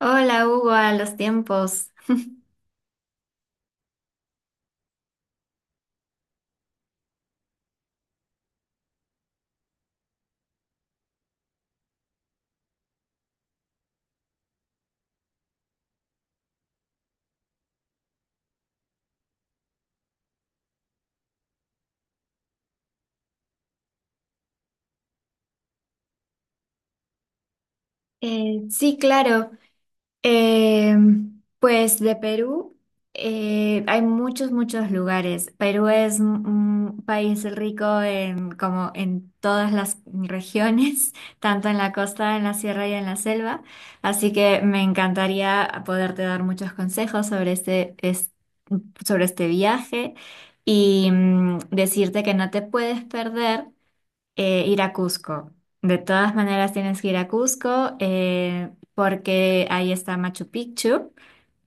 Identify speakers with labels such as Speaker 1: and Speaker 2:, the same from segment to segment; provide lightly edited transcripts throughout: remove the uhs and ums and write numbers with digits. Speaker 1: Hola Hugo, a los tiempos. Sí, claro. Eh, pues de Perú hay muchos lugares. Perú es un país rico en, como en todas las regiones, tanto en la costa, en la sierra y en la selva. Así que me encantaría poderte dar muchos consejos sobre sobre este viaje y decirte que no te puedes perder. Ir a Cusco. De todas maneras tienes que ir a Cusco porque ahí está Machu Picchu.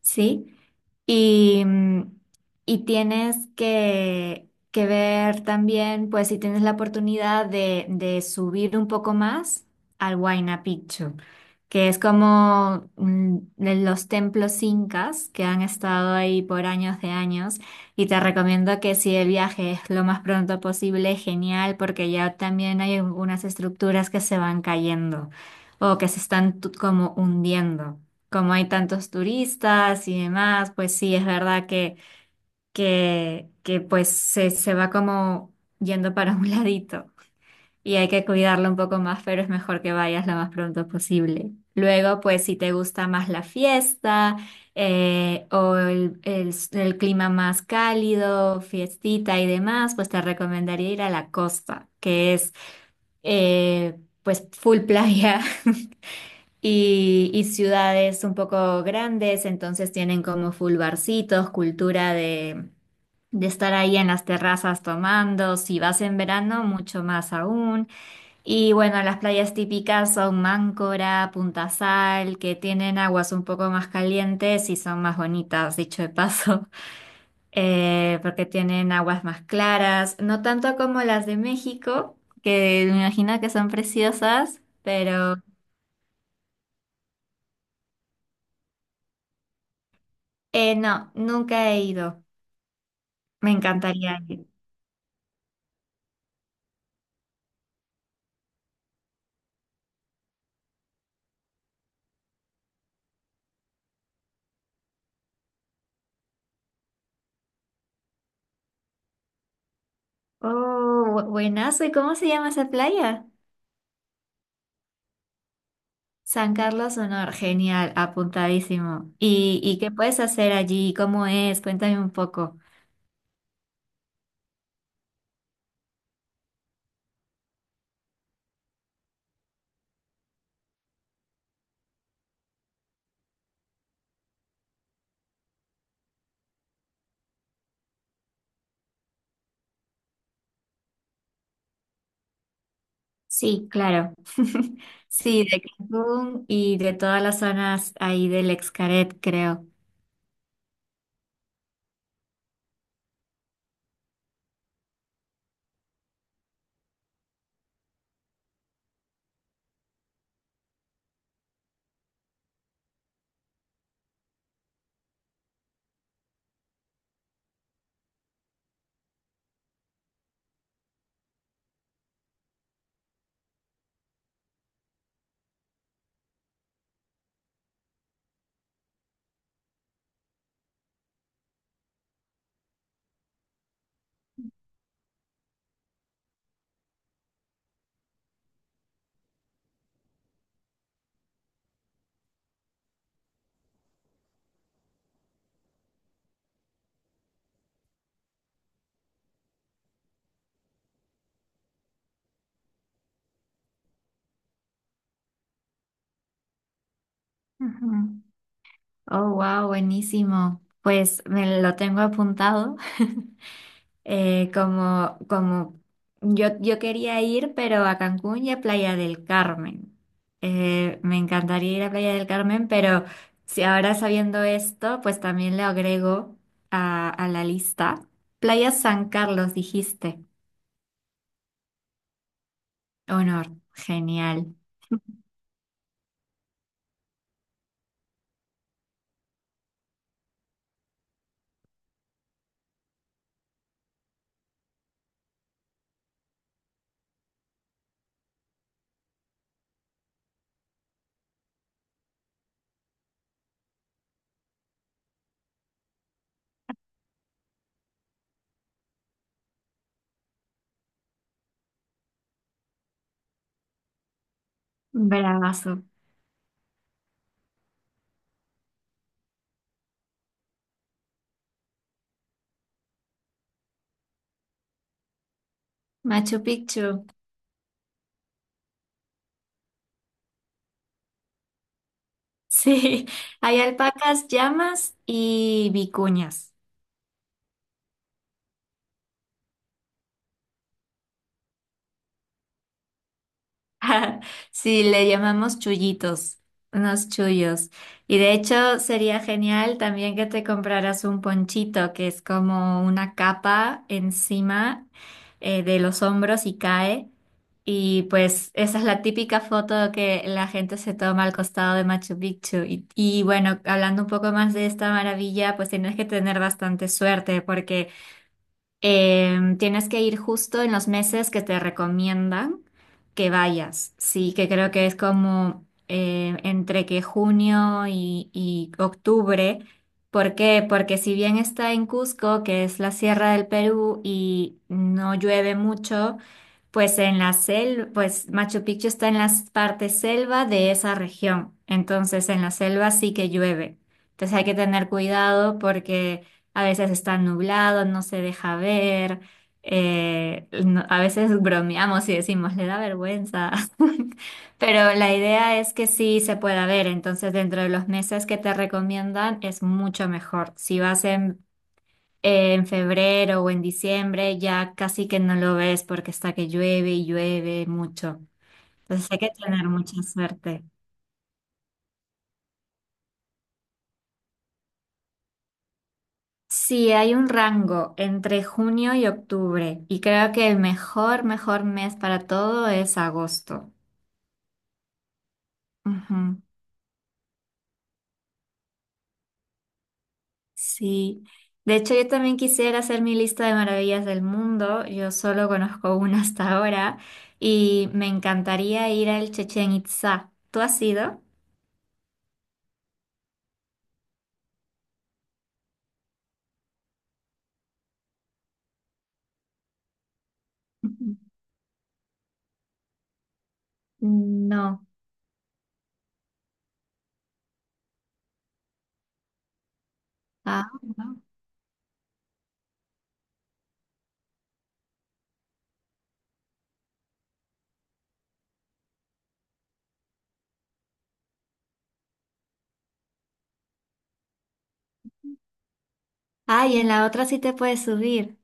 Speaker 1: ¿Sí? Y, mm, y tienes que ver también, pues si tienes la oportunidad de subir un poco más al Huayna Picchu, que es como de los templos incas que han estado ahí por años de años. Y te recomiendo que si el viaje es lo más pronto posible, genial, porque ya también hay algunas estructuras que se van cayendo o que se están como hundiendo, como hay tantos turistas y demás, pues sí, es verdad que pues se va como yendo para un ladito y hay que cuidarlo un poco más, pero es mejor que vayas lo más pronto posible. Luego, pues si te gusta más la fiesta o el clima más cálido, fiestita y demás, pues te recomendaría ir a la costa, que es pues full playa y ciudades un poco grandes, entonces tienen como full barcitos, cultura de estar ahí en las terrazas tomando, si vas en verano, mucho más aún. Y bueno, las playas típicas son Máncora, Punta Sal, que tienen aguas un poco más calientes y son más bonitas, dicho de paso. Porque tienen aguas más claras, no tanto como las de México, que me imagino que son preciosas, pero... No, nunca he ido. Me encantaría ir. Oh, buenazo. ¿Y cómo se llama esa playa? San Carlos Sonor. Genial, apuntadísimo. Y qué puedes hacer allí? ¿Cómo es? Cuéntame un poco. Sí, claro. Sí, de Cancún y de todas las zonas ahí del Excaret, creo. Ujú. Oh, wow, buenísimo. Pues me lo tengo apuntado. Como yo quería ir, pero a Cancún y a Playa del Carmen. Me encantaría ir a Playa del Carmen, pero si ahora sabiendo esto, pues también le agrego a la lista. Playa San Carlos, dijiste. Honor, genial. Bravazo. Machu Picchu. Sí, hay alpacas, llamas y vicuñas. Sí, le llamamos chullitos, unos chullos. Y de hecho sería genial también que te compraras un ponchito, que es como una capa encima de los hombros y cae. Y pues esa es la típica foto que la gente se toma al costado de Machu Picchu. Y bueno, hablando un poco más de esta maravilla, pues tienes que tener bastante suerte porque... Tienes que ir justo en los meses que te recomiendan que vayas. Sí, que creo que es como entre que junio y octubre. ¿Por qué? Porque si bien está en Cusco, que es la sierra del Perú, y no llueve mucho, pues en la selva, pues Machu Picchu está en la parte selva de esa región. Entonces en la selva sí que llueve. Entonces hay que tener cuidado porque a veces está nublado, no se deja ver. A veces bromeamos y decimos, le da vergüenza. Pero la idea es que sí se pueda ver. Entonces dentro de los meses que te recomiendan es mucho mejor. Si vas en febrero o en diciembre ya casi que no lo ves porque está que llueve y llueve mucho. Entonces hay que tener mucha suerte. Sí, hay un rango entre junio y octubre y creo que el mejor mes para todo es agosto. Ujú, sí. De hecho, yo también quisiera hacer mi lista de maravillas del mundo. Yo solo conozco una hasta ahora y me encantaría ir al Chechen Itzá. ¿Tú has ido? Ujú. No. Ah, wow. Ah, y en la otra sí te puedes subir.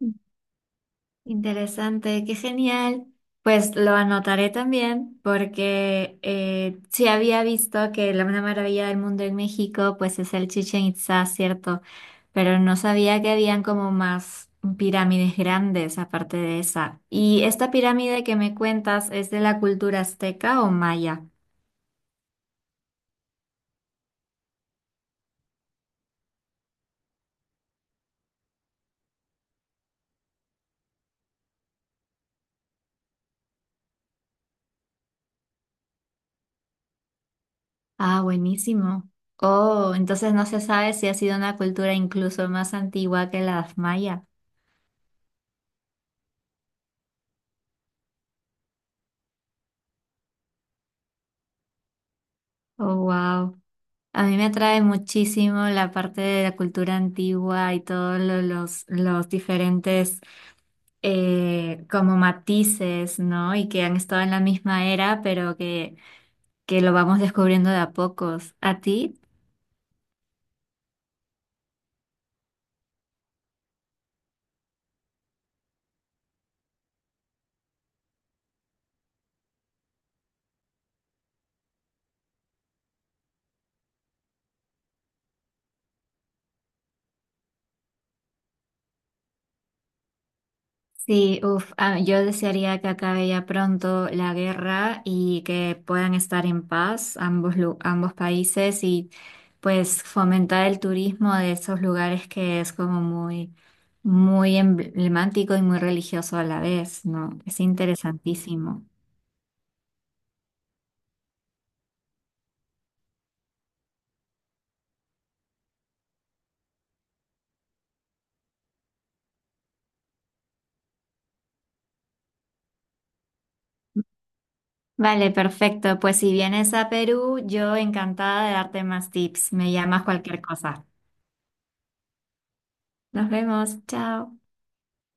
Speaker 1: Mm. Interesante, qué genial. Pues lo anotaré también porque sí había visto que la una maravilla del mundo en México pues es el Chichen Itzá, ¿cierto? Pero no sabía que habían como más pirámides grandes aparte de esa. ¿Y esta pirámide que me cuentas es de la cultura azteca o maya? Ah, buenísimo. Oh, entonces no se sabe si ha sido una cultura incluso más antigua que la maya. Oh, wow. A mí me atrae muchísimo la parte de la cultura antigua y todos los diferentes como matices, ¿no? Y que han estado en la misma era, pero que lo vamos descubriendo de a pocos. ¿A ti? Sí, uff, yo desearía que acabe ya pronto la guerra y que puedan estar en paz ambos, ambos países y pues fomentar el turismo de esos lugares que es como muy, muy emblemático y muy religioso a la vez, ¿no? Es interesantísimo. Vale, perfecto. Pues si vienes a Perú, yo encantada de darte más tips. Me llamas cualquier cosa. Nos vemos. Chao.